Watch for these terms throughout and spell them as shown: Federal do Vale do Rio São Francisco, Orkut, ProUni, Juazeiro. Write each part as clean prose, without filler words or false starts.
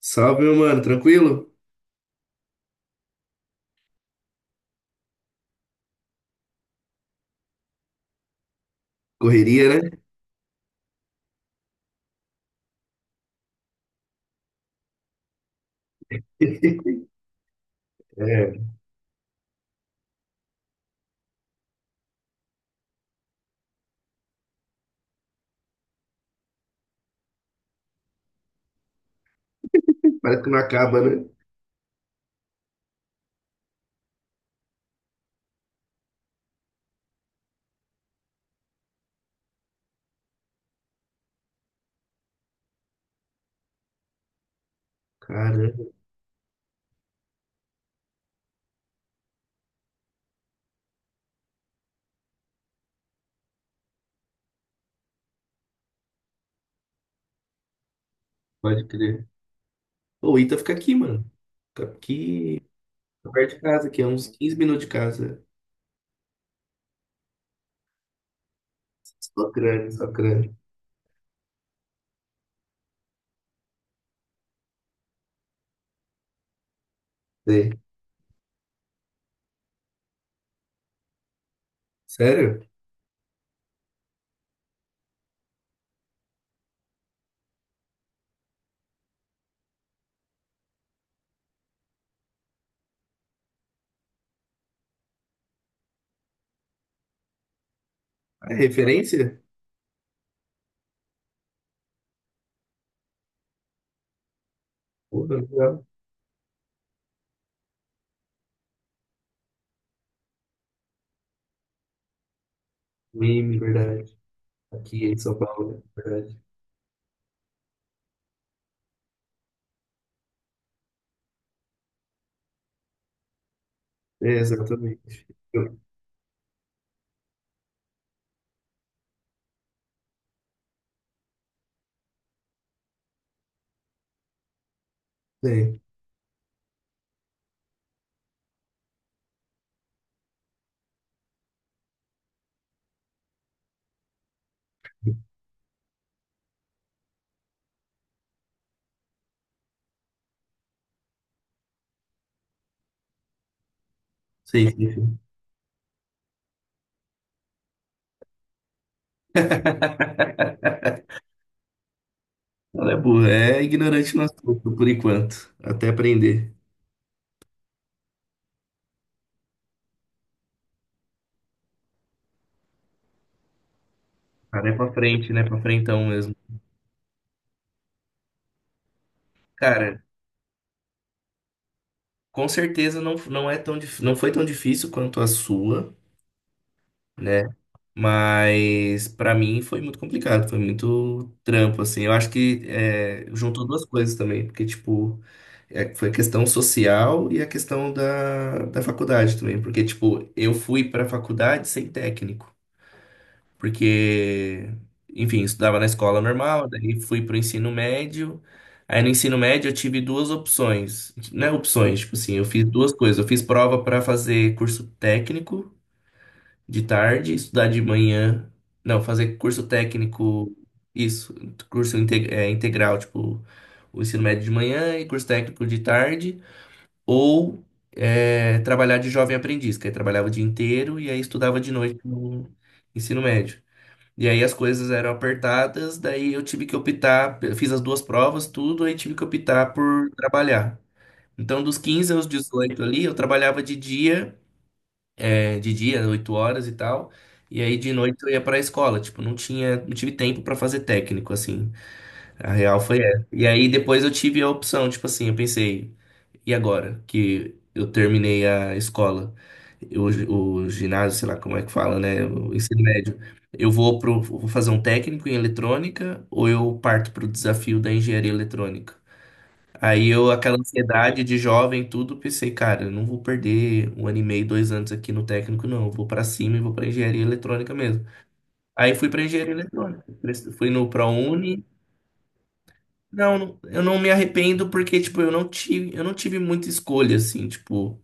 Salve, meu mano, tranquilo? Correria, né? É, parece que não acaba, né? Caramba, pode crer. Ô, o Ita fica aqui, mano. Fica aqui, fica perto de casa, aqui, é uns 15 minutos de casa. Só crânio, só crânio. Sei. Sério? Ah, é referência? Porra, legal. Meme, verdade. Aqui em São Paulo, né? Verdade. É, exatamente. Eu- Sei, sei, sei. Sei. Ela é burra, é ignorante no assunto, por enquanto. Até aprender. Cara, é pra frente, né? Pra frentão mesmo. Cara, com certeza não, não é tão, não foi tão difícil quanto a sua, né? Mas pra mim foi muito complicado, foi muito trampo, assim. Eu acho que é, juntou duas coisas também, porque, tipo, é, foi a questão social e a questão da faculdade também. Porque, tipo, eu fui pra faculdade sem técnico. Porque, enfim, estudava na escola normal, daí fui pro ensino médio. Aí no ensino médio eu tive duas opções, né? Opções, tipo assim, eu fiz duas coisas. Eu fiz prova para fazer curso técnico de tarde, estudar de manhã. Não, fazer curso técnico, isso, curso integral, tipo, o ensino médio de manhã e curso técnico de tarde. Ou trabalhar de jovem aprendiz, que aí trabalhava o dia inteiro e aí estudava de noite no ensino médio. E aí as coisas eram apertadas, daí eu tive que optar, eu fiz as duas provas, tudo, aí tive que optar por trabalhar. Então, dos 15 aos 18 ali, eu trabalhava de dia, 8 horas e tal, e aí de noite eu ia para a escola, tipo, não tive tempo para fazer técnico assim. A real foi essa. E aí depois eu tive a opção, tipo assim, eu pensei, e agora que eu terminei a escola, eu- o ginásio, sei lá como é que fala, né? O ensino médio. Eu vou fazer um técnico em eletrônica ou eu parto pro desafio da engenharia eletrônica? Aí eu, aquela ansiedade de jovem, tudo, pensei, cara, eu não vou perder um ano e meio, 2 anos aqui no técnico, não. Eu vou pra cima e vou pra engenharia eletrônica mesmo. Aí fui pra engenharia eletrônica. Fui no ProUni, não, eu não me arrependo porque, tipo, eu não tive muita escolha, assim, tipo,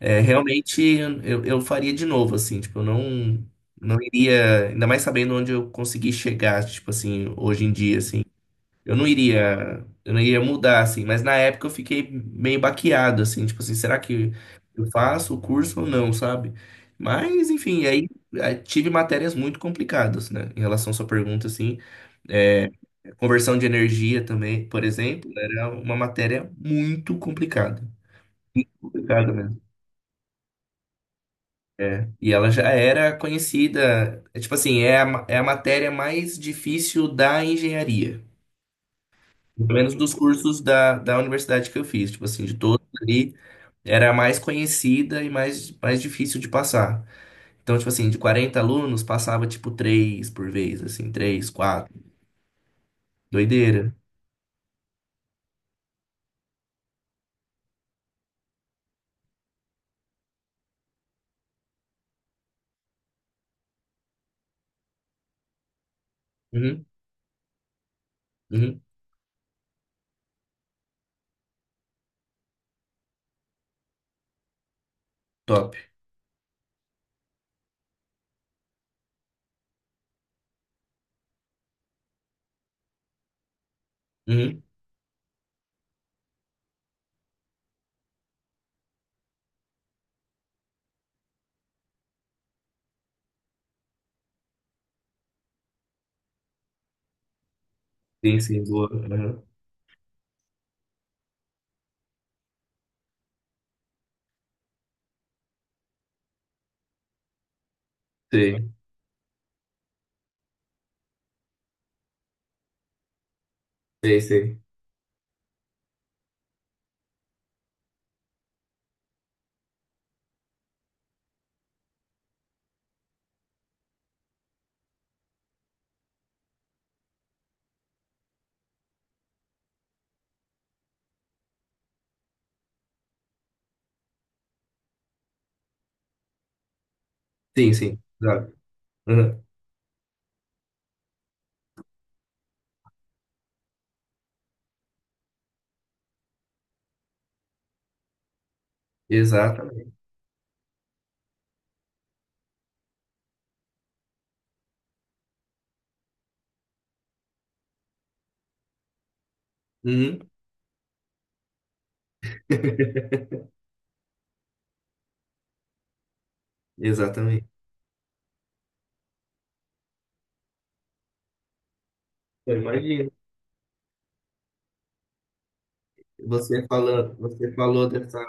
é, realmente eu faria de novo, assim, tipo, eu não iria, ainda mais sabendo onde eu consegui chegar, tipo, assim, hoje em dia, assim, eu não iria mudar, assim, mas na época eu fiquei meio baqueado, assim, tipo, assim, será que eu faço o curso ou não, sabe? Mas, enfim, aí tive matérias muito complicadas, né, em relação à sua pergunta, assim, é, Conversão de energia também, por exemplo, era uma matéria muito complicada. Complicada mesmo. É. E ela já era conhecida, é, tipo assim, é a matéria mais difícil da engenharia. Pelo menos dos cursos da universidade que eu fiz, tipo assim, de todos ali, era a mais conhecida e mais difícil de passar. Então, tipo assim, de 40 alunos, passava tipo 3 por vez, assim, três quatro. Doideira. Uhum, uhum, top. Uhum. Sim, sim, boa. Uhum. Sei. Sei, sei. Sim, sim. Exato. Uhum. Exatamente. Uhum. Exatamente. Eu imagino. Você falando, você falou dessa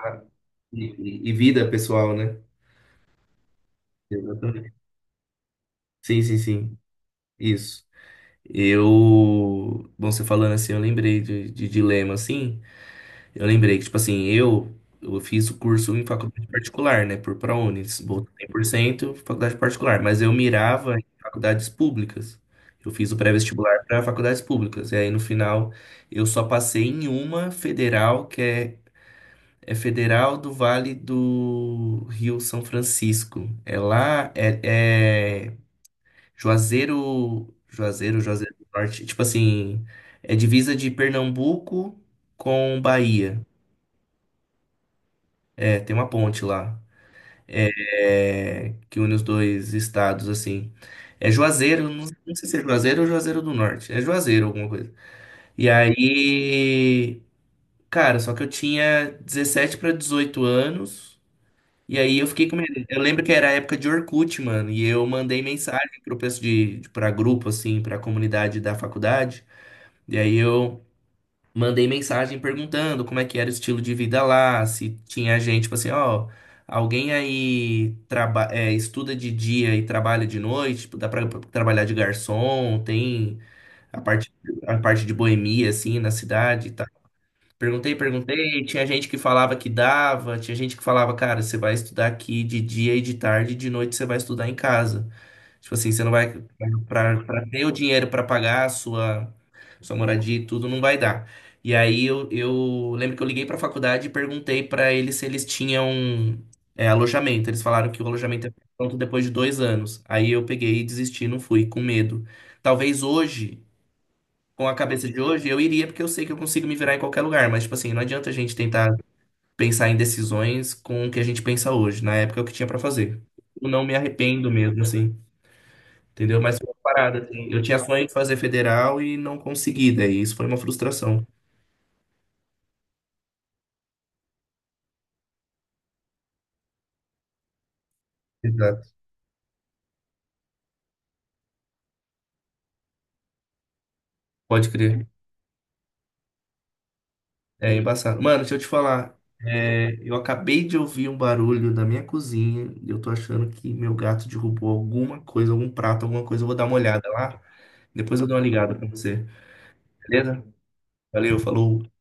e vida pessoal, né? Exatamente. Sim, sim, sim. Isso. Eu, bom, você falando assim, eu lembrei de dilema assim. Eu lembrei que, tipo assim, eu fiz o curso em faculdade particular, né? Por ProUnis, bolsa 100% faculdade particular, mas eu mirava em faculdades públicas. Eu fiz o pré-vestibular para faculdades públicas. E aí, no final, eu só passei em uma federal, que é Federal do Vale do Rio São Francisco. É lá, é Juazeiro, Juazeiro, Juazeiro do Norte. Tipo assim, é divisa de Pernambuco com Bahia. É, tem uma ponte lá, é, que une os dois estados, assim. É Juazeiro, não, não sei se é Juazeiro ou Juazeiro do Norte. É Juazeiro, alguma coisa. E aí, cara, só que eu tinha 17 para 18 anos. E aí eu fiquei com medo. Eu lembro que era a época de Orkut, mano. E eu mandei mensagem pro pessoal pra grupo, assim, pra comunidade da faculdade. E aí eu mandei mensagem perguntando como é que era o estilo de vida lá, se tinha gente, tipo assim, ó, alguém aí estuda de dia e trabalha de noite, tipo, dá pra trabalhar de garçom, tem a parte, a parte de boemia, assim, na cidade e tal. Perguntei, perguntei, tinha gente que falava que dava, tinha gente que falava, cara, você vai estudar aqui de dia e de tarde, e de noite você vai estudar em casa. Tipo assim, você não vai para ter o dinheiro para pagar a sua moradia e tudo não vai dar. E aí eu lembro que eu liguei para a faculdade e perguntei para eles se eles tinham alojamento. Eles falaram que o alojamento é pronto depois de 2 anos. Aí eu peguei e desisti, não fui, com medo. Talvez hoje, com a cabeça de hoje, eu iria porque eu sei que eu consigo me virar em qualquer lugar. Mas tipo assim, não adianta a gente tentar pensar em decisões com o que a gente pensa hoje. Na época é o que tinha para fazer. Eu não me arrependo mesmo, assim. Entendeu? Mas foi uma parada, assim. Eu tinha sonho de fazer federal e não consegui, daí isso foi uma frustração. Exato. Pode crer. É embaçado. Mano, deixa eu te falar. É, eu acabei de ouvir um barulho da minha cozinha e eu tô achando que meu gato derrubou alguma coisa, algum prato, alguma coisa. Eu vou dar uma olhada lá. Depois eu dou uma ligada pra você. Beleza? Valeu, falou.